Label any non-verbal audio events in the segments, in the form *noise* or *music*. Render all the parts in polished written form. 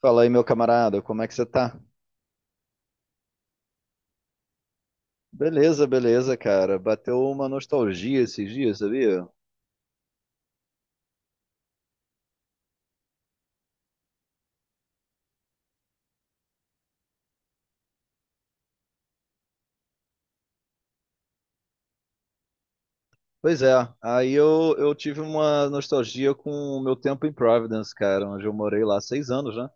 Fala aí, meu camarada, como é que você tá? Beleza, beleza, cara. Bateu uma nostalgia esses dias, sabia? Pois é, aí eu tive uma nostalgia com o meu tempo em Providence, cara, onde eu morei lá 6 anos, né?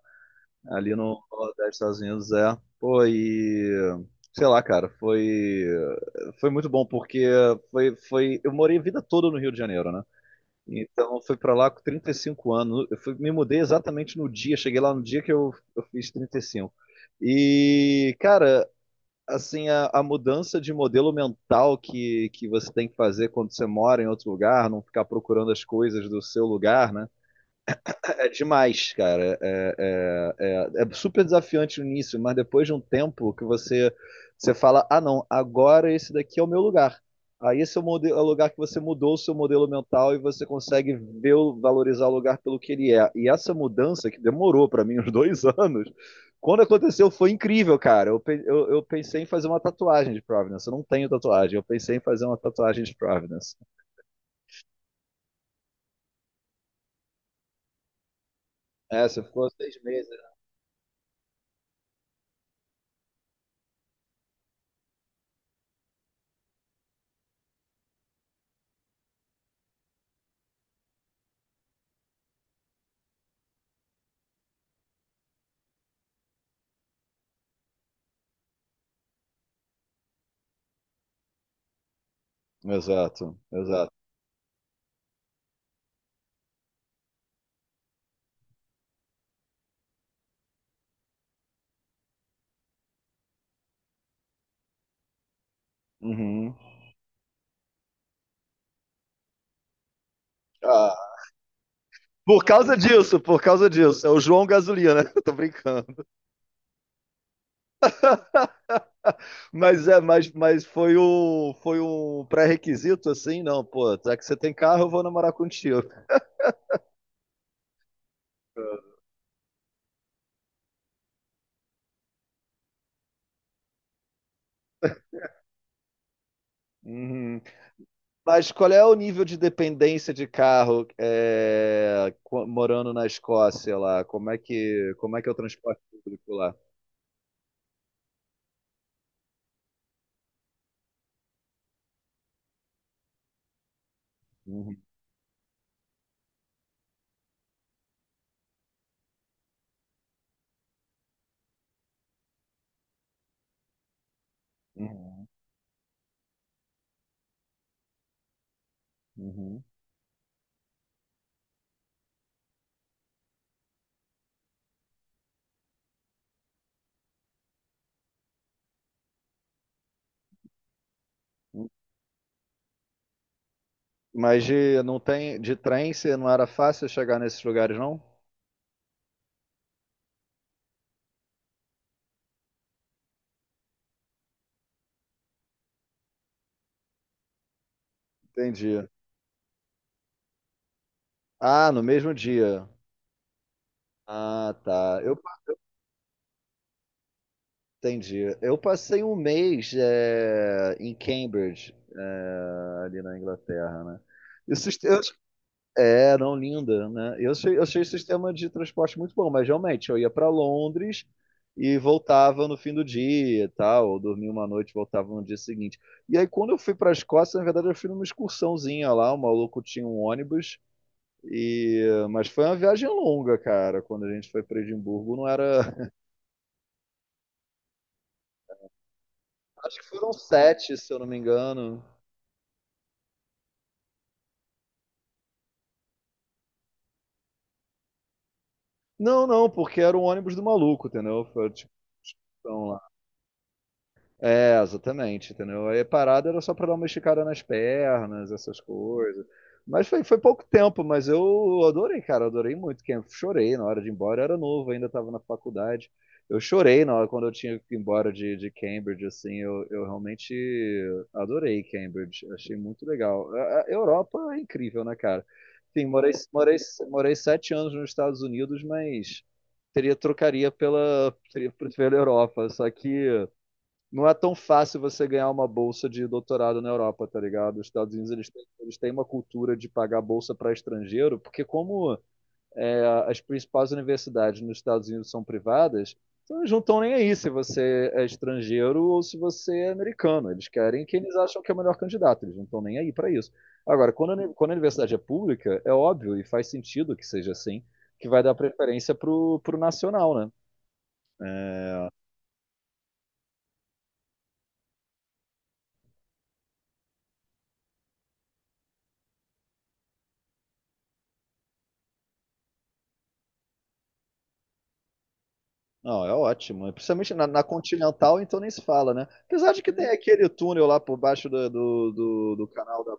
Ali no Nordeste dos Estados Unidos, é. Pô, e sei lá, cara, foi muito bom porque foi foi eu morei a vida toda no Rio de Janeiro, né? Então eu fui pra lá com 35 anos. Me mudei exatamente no dia, cheguei lá no dia que eu fiz 35. E, cinco. E, cara, assim, a mudança de modelo mental que você tem que fazer quando você mora em outro lugar, não ficar procurando as coisas do seu lugar, né? É demais, cara. É super desafiante no início, mas depois de um tempo que você fala, ah não, agora esse daqui é o meu lugar. Aí esse é o, modelo, é o lugar que você mudou o seu modelo mental e você consegue ver, valorizar o lugar pelo que ele é. E essa mudança, que demorou para mim *laughs* uns 2 anos, quando aconteceu foi incrível, cara. Eu pensei em fazer uma tatuagem de Providence. Eu não tenho tatuagem. Eu pensei em fazer uma tatuagem de Providence. É, você ficou 6 meses. Exato, exato. Uhum. Ah, por causa disso, por causa disso. É o João Gasolina, *laughs* né? Tô brincando. Mas foi um pré-requisito assim, não, pô, já que você tem carro, eu vou namorar contigo. Uhum. Mas qual é o nível de dependência de carro morando na Escócia lá? Como é que é o transporte público lá? Uhum, uhum, uhum. Não tem de trem, você não era fácil chegar nesses lugares, não? Entendi. Ah, no mesmo dia. Ah, tá. Entendi. Eu passei um mês em Cambridge, ali na Inglaterra, né? E o sistema, não, linda, né? Eu achei o sistema de transporte muito bom, mas realmente eu ia para Londres e voltava no fim do dia, e tal, ou dormia uma noite, e voltava no dia seguinte. E aí quando eu fui para a Escócia, na verdade eu fui numa excursãozinha lá, o maluco tinha um ônibus mas foi uma viagem longa, cara. Quando a gente foi para Edimburgo, não era. Acho que foram sete, se eu não me engano. Não, não, porque era o ônibus do maluco, entendeu? Foi, tipo, então, é, exatamente, entendeu? Aí a parada era só pra dar uma esticada nas pernas, essas coisas. Mas foi pouco tempo, mas eu adorei, cara, adorei muito. Que eu chorei na hora de ir embora, eu era novo, ainda estava na faculdade. Eu chorei na hora quando eu tinha que ir embora de Cambridge, assim, eu realmente adorei Cambridge, achei muito legal. A Europa é incrível, né, cara? Sim, morei 7 anos nos Estados Unidos, mas teria trocaria pela, *laughs* pela Europa, só que não é tão fácil você ganhar uma bolsa de doutorado na Europa, tá ligado? Os Estados Unidos eles têm uma cultura de pagar bolsa para estrangeiro, porque como é, as principais universidades nos Estados Unidos são privadas, então eles não estão nem aí se você é estrangeiro ou se você é americano. Eles querem quem eles acham que é o melhor candidato, eles não estão nem aí para isso. Agora, quando a universidade é pública, é óbvio e faz sentido que seja assim, que vai dar preferência pro nacional, né? Não, é ótimo. Principalmente na Continental, então nem se fala, né? Apesar de que tem aquele túnel lá por baixo do canal da.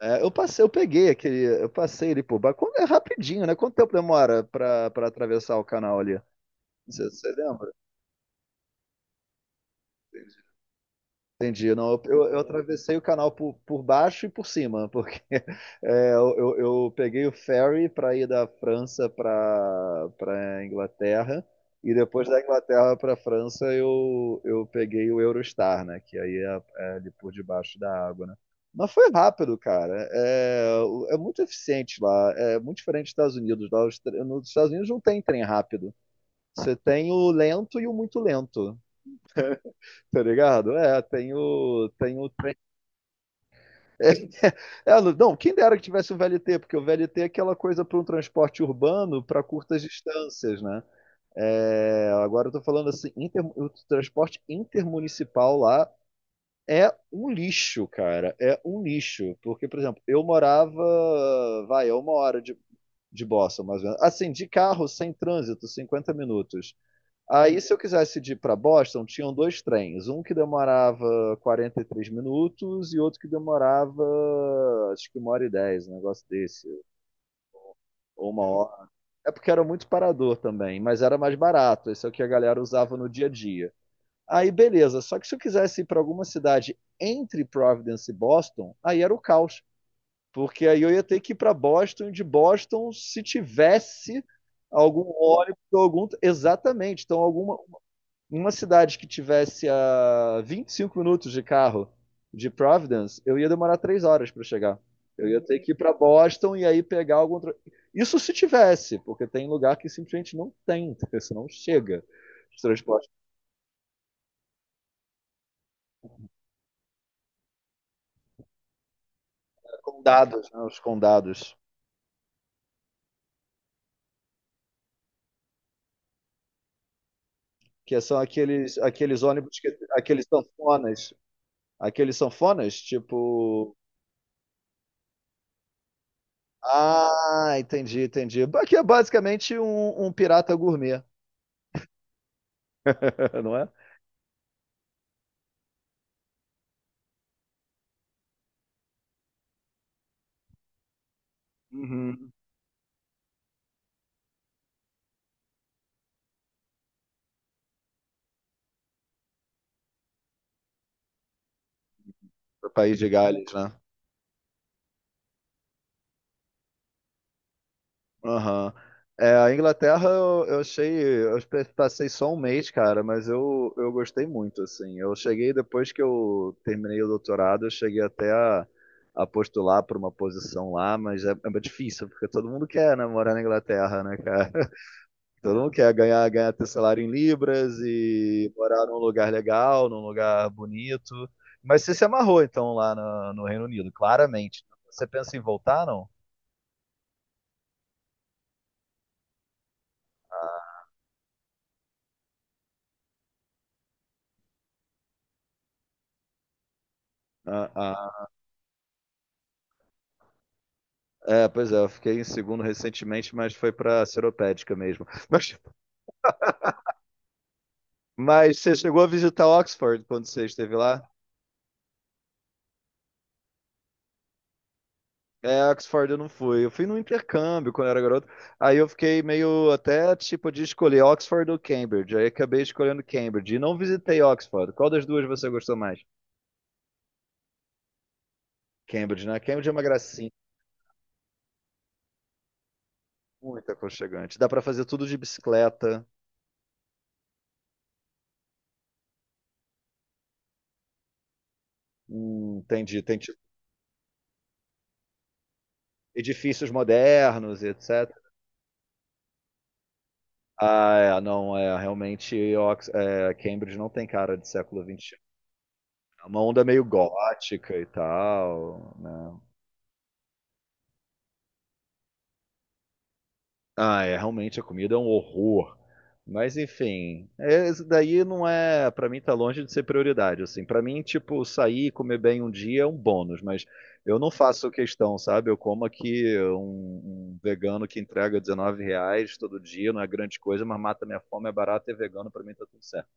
É, eu passei, eu peguei aquele. Eu passei ele por baixo. É rapidinho, né? Quanto tempo demora pra atravessar o canal ali? Você lembra? Entendi. Não, eu atravessei o canal por baixo e por cima, porque *laughs* eu peguei o ferry para ir da França para Inglaterra e depois da Inglaterra para França eu peguei o Eurostar, né? Que aí é ali por debaixo da água, né? Mas foi rápido, cara. É muito eficiente lá. É muito diferente dos Estados Unidos. Nos Estados Unidos não tem trem rápido. Você tem o lento e o muito lento, tá ligado? É, tem o trem *laughs* É, não, quem dera que tivesse o VLT, porque o VLT é aquela coisa para um transporte urbano para curtas distâncias, né? É, agora eu tô falando assim, o transporte intermunicipal lá é um lixo, cara. É um lixo. Porque, por exemplo, eu morava, vai, é uma hora de Boston, mais ou menos. Assim, de carro, sem trânsito, 50 minutos. Aí, se eu quisesse ir para Boston, tinham dois trens. Um que demorava 43 minutos e outro que demorava, acho que uma hora e dez, um negócio desse. Ou uma hora. É porque era muito parador também, mas era mais barato. Esse é o que a galera usava no dia a dia. Aí, beleza. Só que se eu quisesse ir para alguma cidade entre Providence e Boston, aí era o caos. Porque aí eu ia ter que ir para Boston, e de Boston, se tivesse algum óleo, algum. Exatamente. Então, uma cidade que tivesse a 25 minutos de carro de Providence, eu ia demorar 3 horas para chegar. Eu ia ter que ir para Boston e aí pegar algum. Isso se tivesse, porque tem lugar que simplesmente não tem, isso não chega. Os transportes Condados, né, os condados, que são aqueles ônibus, aqueles sanfonas, tipo. Ah, entendi, entendi. Aqui é basicamente um pirata gourmet, *laughs* não é? Uhum. Pro País de Gales, né? Aham. É, a Inglaterra eu achei. Passei só um mês, cara, mas eu gostei muito, assim. Eu cheguei depois que eu terminei o doutorado, eu cheguei até a postular para uma posição lá, mas é difícil, porque todo mundo quer, né, morar na Inglaterra, né, cara? *laughs* Todo mundo quer ganhar teu salário em libras e morar num lugar legal, num lugar bonito. Mas você se amarrou, então, lá no Reino Unido, claramente. Você pensa em voltar, não? Ah, é, pois é, eu fiquei em segundo recentemente, mas foi para Seropédica mesmo. *laughs* Mas você chegou a visitar Oxford quando você esteve lá? É, Oxford eu não fui. Eu fui no intercâmbio quando eu era garoto. Aí eu fiquei meio até tipo de escolher Oxford ou Cambridge. Aí acabei escolhendo Cambridge e não visitei Oxford. Qual das duas você gostou mais? Cambridge, né? Cambridge é uma gracinha, muito aconchegante. Dá para fazer tudo de bicicleta. Tem de edifícios modernos, e etc. Ah, é, não, é, realmente Cambridge não tem cara de século XXI. É uma onda meio gótica e tal, né? Ah, é, realmente a comida é um horror. Mas enfim, isso daí não é, pra mim tá longe de ser prioridade, assim. Para mim, tipo, sair e comer bem um dia é um bônus, mas eu não faço questão, sabe? Eu como aqui um vegano que entrega R$ 19 todo dia, não é grande coisa, mas mata minha fome, é barato e é vegano, pra mim tá tudo certo.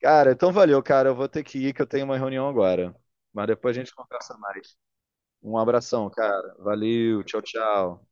Cara, então valeu, cara. Eu vou ter que ir, que eu tenho uma reunião agora. Mas depois a gente conversa mais. Um abração, cara. Valeu, tchau, tchau.